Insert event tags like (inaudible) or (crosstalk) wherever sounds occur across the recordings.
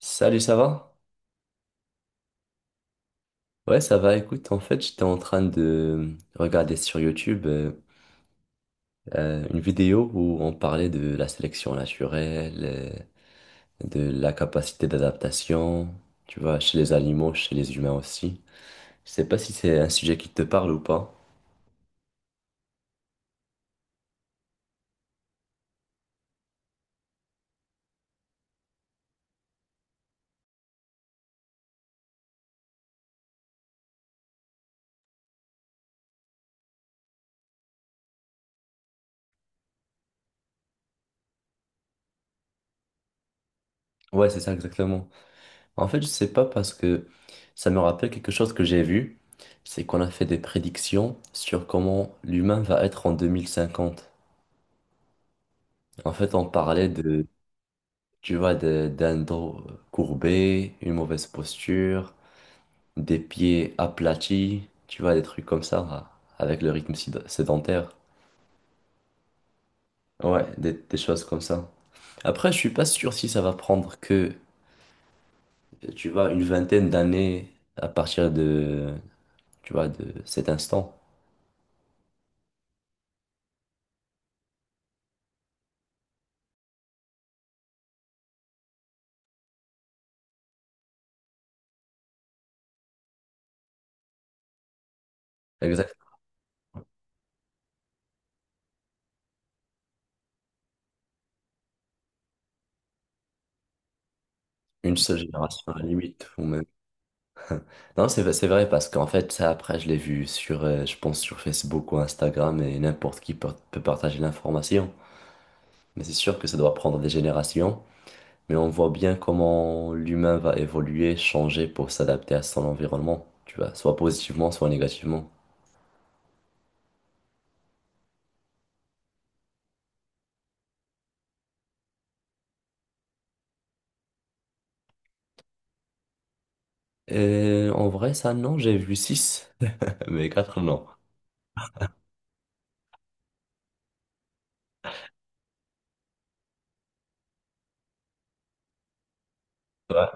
Salut, ça va? Ouais, ça va. Écoute, en fait, j'étais en train de regarder sur YouTube une vidéo où on parlait de la sélection naturelle, de la capacité d'adaptation, tu vois, chez les animaux, chez les humains aussi. Je sais pas si c'est un sujet qui te parle ou pas. Ouais, c'est ça exactement. En fait, je sais pas parce que ça me rappelle quelque chose que j'ai vu, c'est qu'on a fait des prédictions sur comment l'humain va être en 2050. En fait, on parlait de. Tu vois, d'un dos courbé, une mauvaise posture, des pieds aplatis, tu vois, des trucs comme ça, avec le rythme sédentaire. Ouais, des choses comme ça. Après, je suis pas sûr si ça va prendre que, tu vois, une vingtaine d'années à partir de, tu vois, de cet instant. Exact. Une seule génération à la limite, ou même- Non, c'est vrai, parce qu'en fait, ça, après, je l'ai vu sur, je pense, sur Facebook ou Instagram, et n'importe qui peut partager l'information. Mais c'est sûr que ça doit prendre des générations, mais on voit bien comment l'humain va évoluer, changer pour s'adapter à son environnement, tu vois, soit positivement, soit négativement. Et en vrai, ça, non, j'ai vu 6 (laughs) mais 4 non. Ouais.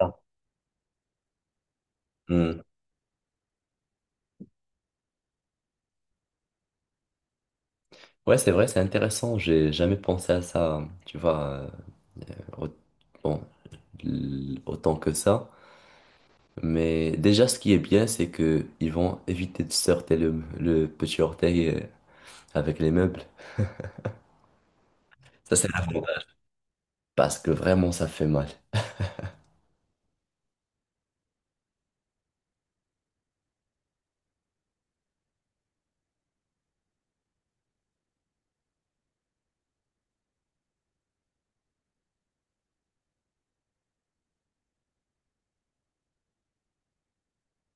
Ah. Hmm. Ouais, c'est vrai, c'est intéressant, j'ai jamais pensé à ça, tu vois, au- bon, autant que ça. Mais déjà, ce qui est bien, c'est que ils vont éviter de se heurter le petit orteil avec les meubles. Ça, c'est l'avantage. Parce que vraiment ça fait mal.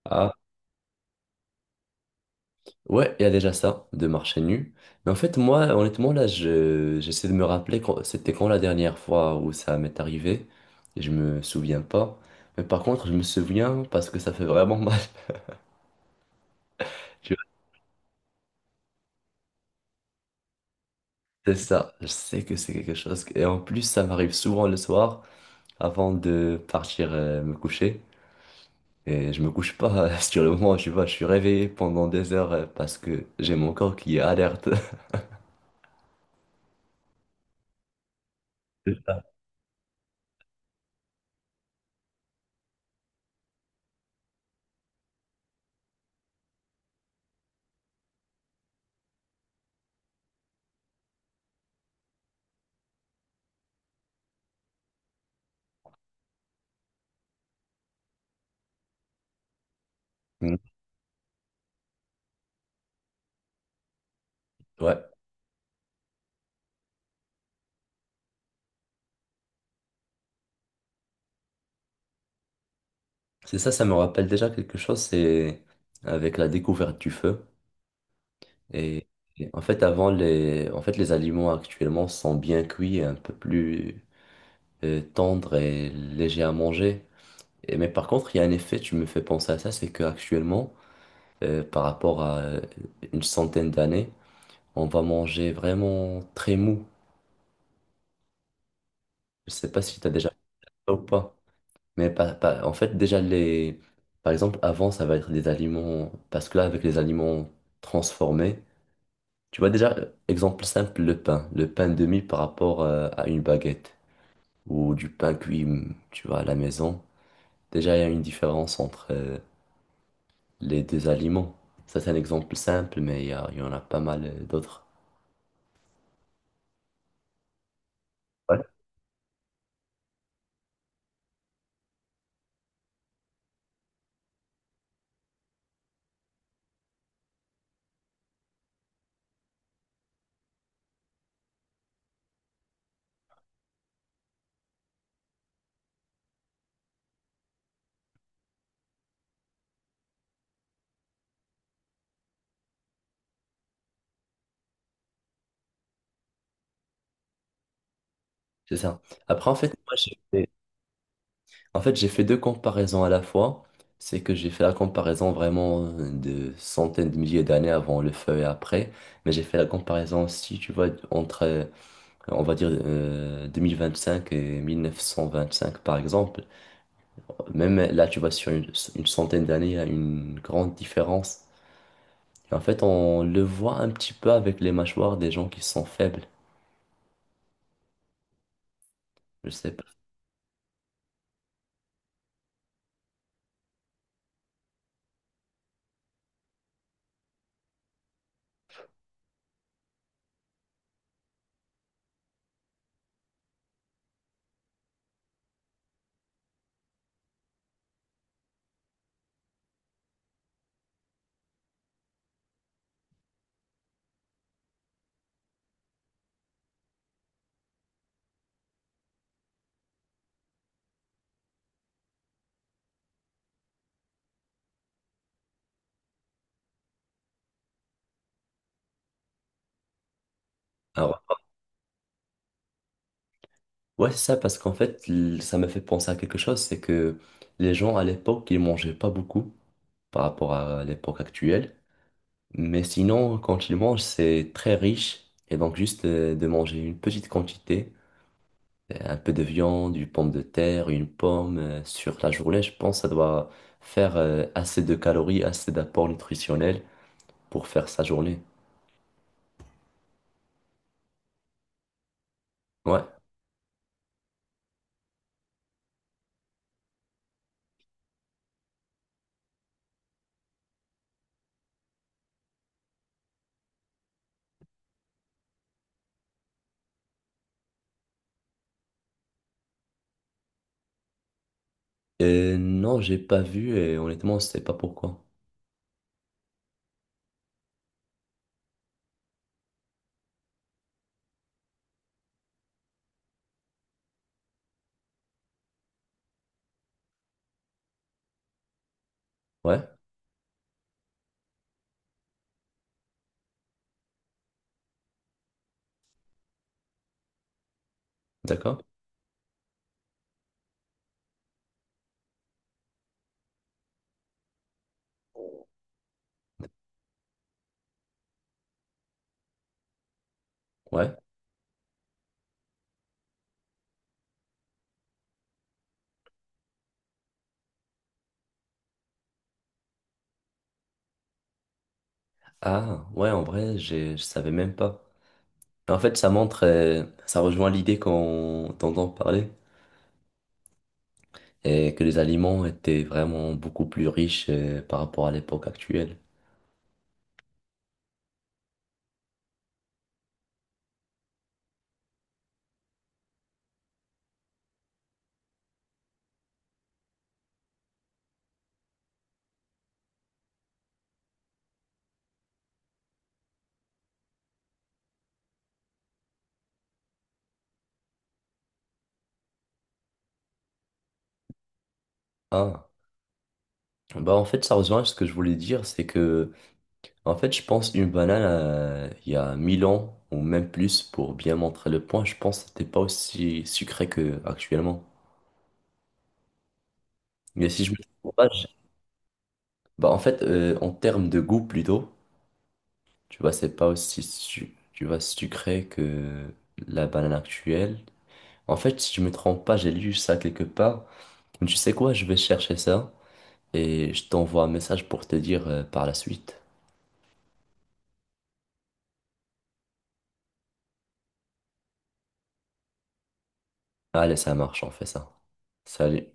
Ah, ouais, il y a déjà ça, de marcher nu. Mais en fait, moi, honnêtement, là, j'essaie de me rappeler quand, c'était quand la dernière fois où ça m'est arrivé. Et je me souviens pas. Mais par contre, je me souviens parce que ça fait vraiment mal. (laughs) Tu vois, c'est ça. Je sais que c'est quelque chose. Et en plus, ça m'arrive souvent le soir avant de partir me coucher. Et je me couche pas (laughs) sur le moment, tu vois, je suis réveillé pendant des heures parce que j'ai mon corps qui est alerte. (laughs) C'est ça. Mm. Ouais. C'est ça, ça me rappelle déjà quelque chose, c'est avec la découverte du feu. Et, et en fait, en fait, les aliments actuellement sont bien cuits et un peu plus tendres et légers à manger. Et, mais par contre, il y a un effet, tu me fais penser à ça, c'est qu'actuellement, par rapport à une centaine d'années, on va manger vraiment très mou. Je sais pas si tu as déjà fait ça ou pas. Mais en fait, déjà, les, par exemple, avant, ça va être des aliments, parce que là, avec les aliments transformés. Tu vois déjà, exemple simple, le pain. Le pain demi par rapport à une baguette ou du pain cuit, tu vois, à la maison. Déjà, il y a une différence entre les deux aliments. Ça, c'est un exemple simple, mais il y en a pas mal d'autres. Ouais. C'est ça. Après, en fait, en fait, j'ai fait deux comparaisons à la fois. C'est que j'ai fait la comparaison vraiment de centaines de milliers d'années avant le feu et après. Mais j'ai fait la comparaison aussi, tu vois, entre on va dire 2025 et 1925 par exemple, même là tu vois sur une centaine d'années, il y a une grande différence. Et en fait, on le voit un petit peu avec les mâchoires des gens qui sont faibles. Je sais pas. Alors, ouais, c'est ça parce qu'en fait, ça m'a fait penser à quelque chose, c'est que les gens à l'époque, ils mangeaient pas beaucoup par rapport à l'époque actuelle. Mais sinon, quand ils mangent, c'est très riche. Et donc, juste de manger une petite quantité. Un peu de viande, une pomme de terre, une pomme sur la journée, je pense que ça doit faire assez de calories, assez d'apports nutritionnels pour faire sa journée. Ouais. Non, j'ai pas vu et honnêtement, je sais pas pourquoi. Ouais, d'accord. Ouais. Ah, ouais, en vrai, je savais même pas. En fait, ça montre, ça rejoint l'idée qu'on t'entend parler et que les aliments étaient vraiment beaucoup plus riches par rapport à l'époque actuelle. Ah, bah en fait, ça rejoint ce que je voulais dire, c'est que en fait, je pense une banane il y a 1000 ans ou même plus pour bien montrer le point, je pense que c'était pas aussi sucré que actuellement. Mais si je me trompe pas, je- bah en fait en termes de goût plutôt, tu vois, c'est pas aussi tu vois sucré que la banane actuelle. En fait, si je me trompe pas, j'ai lu ça quelque part. Mais tu sais quoi, je vais chercher ça et je t'envoie un message pour te dire par la suite. Allez, ça marche, on fait ça. Salut.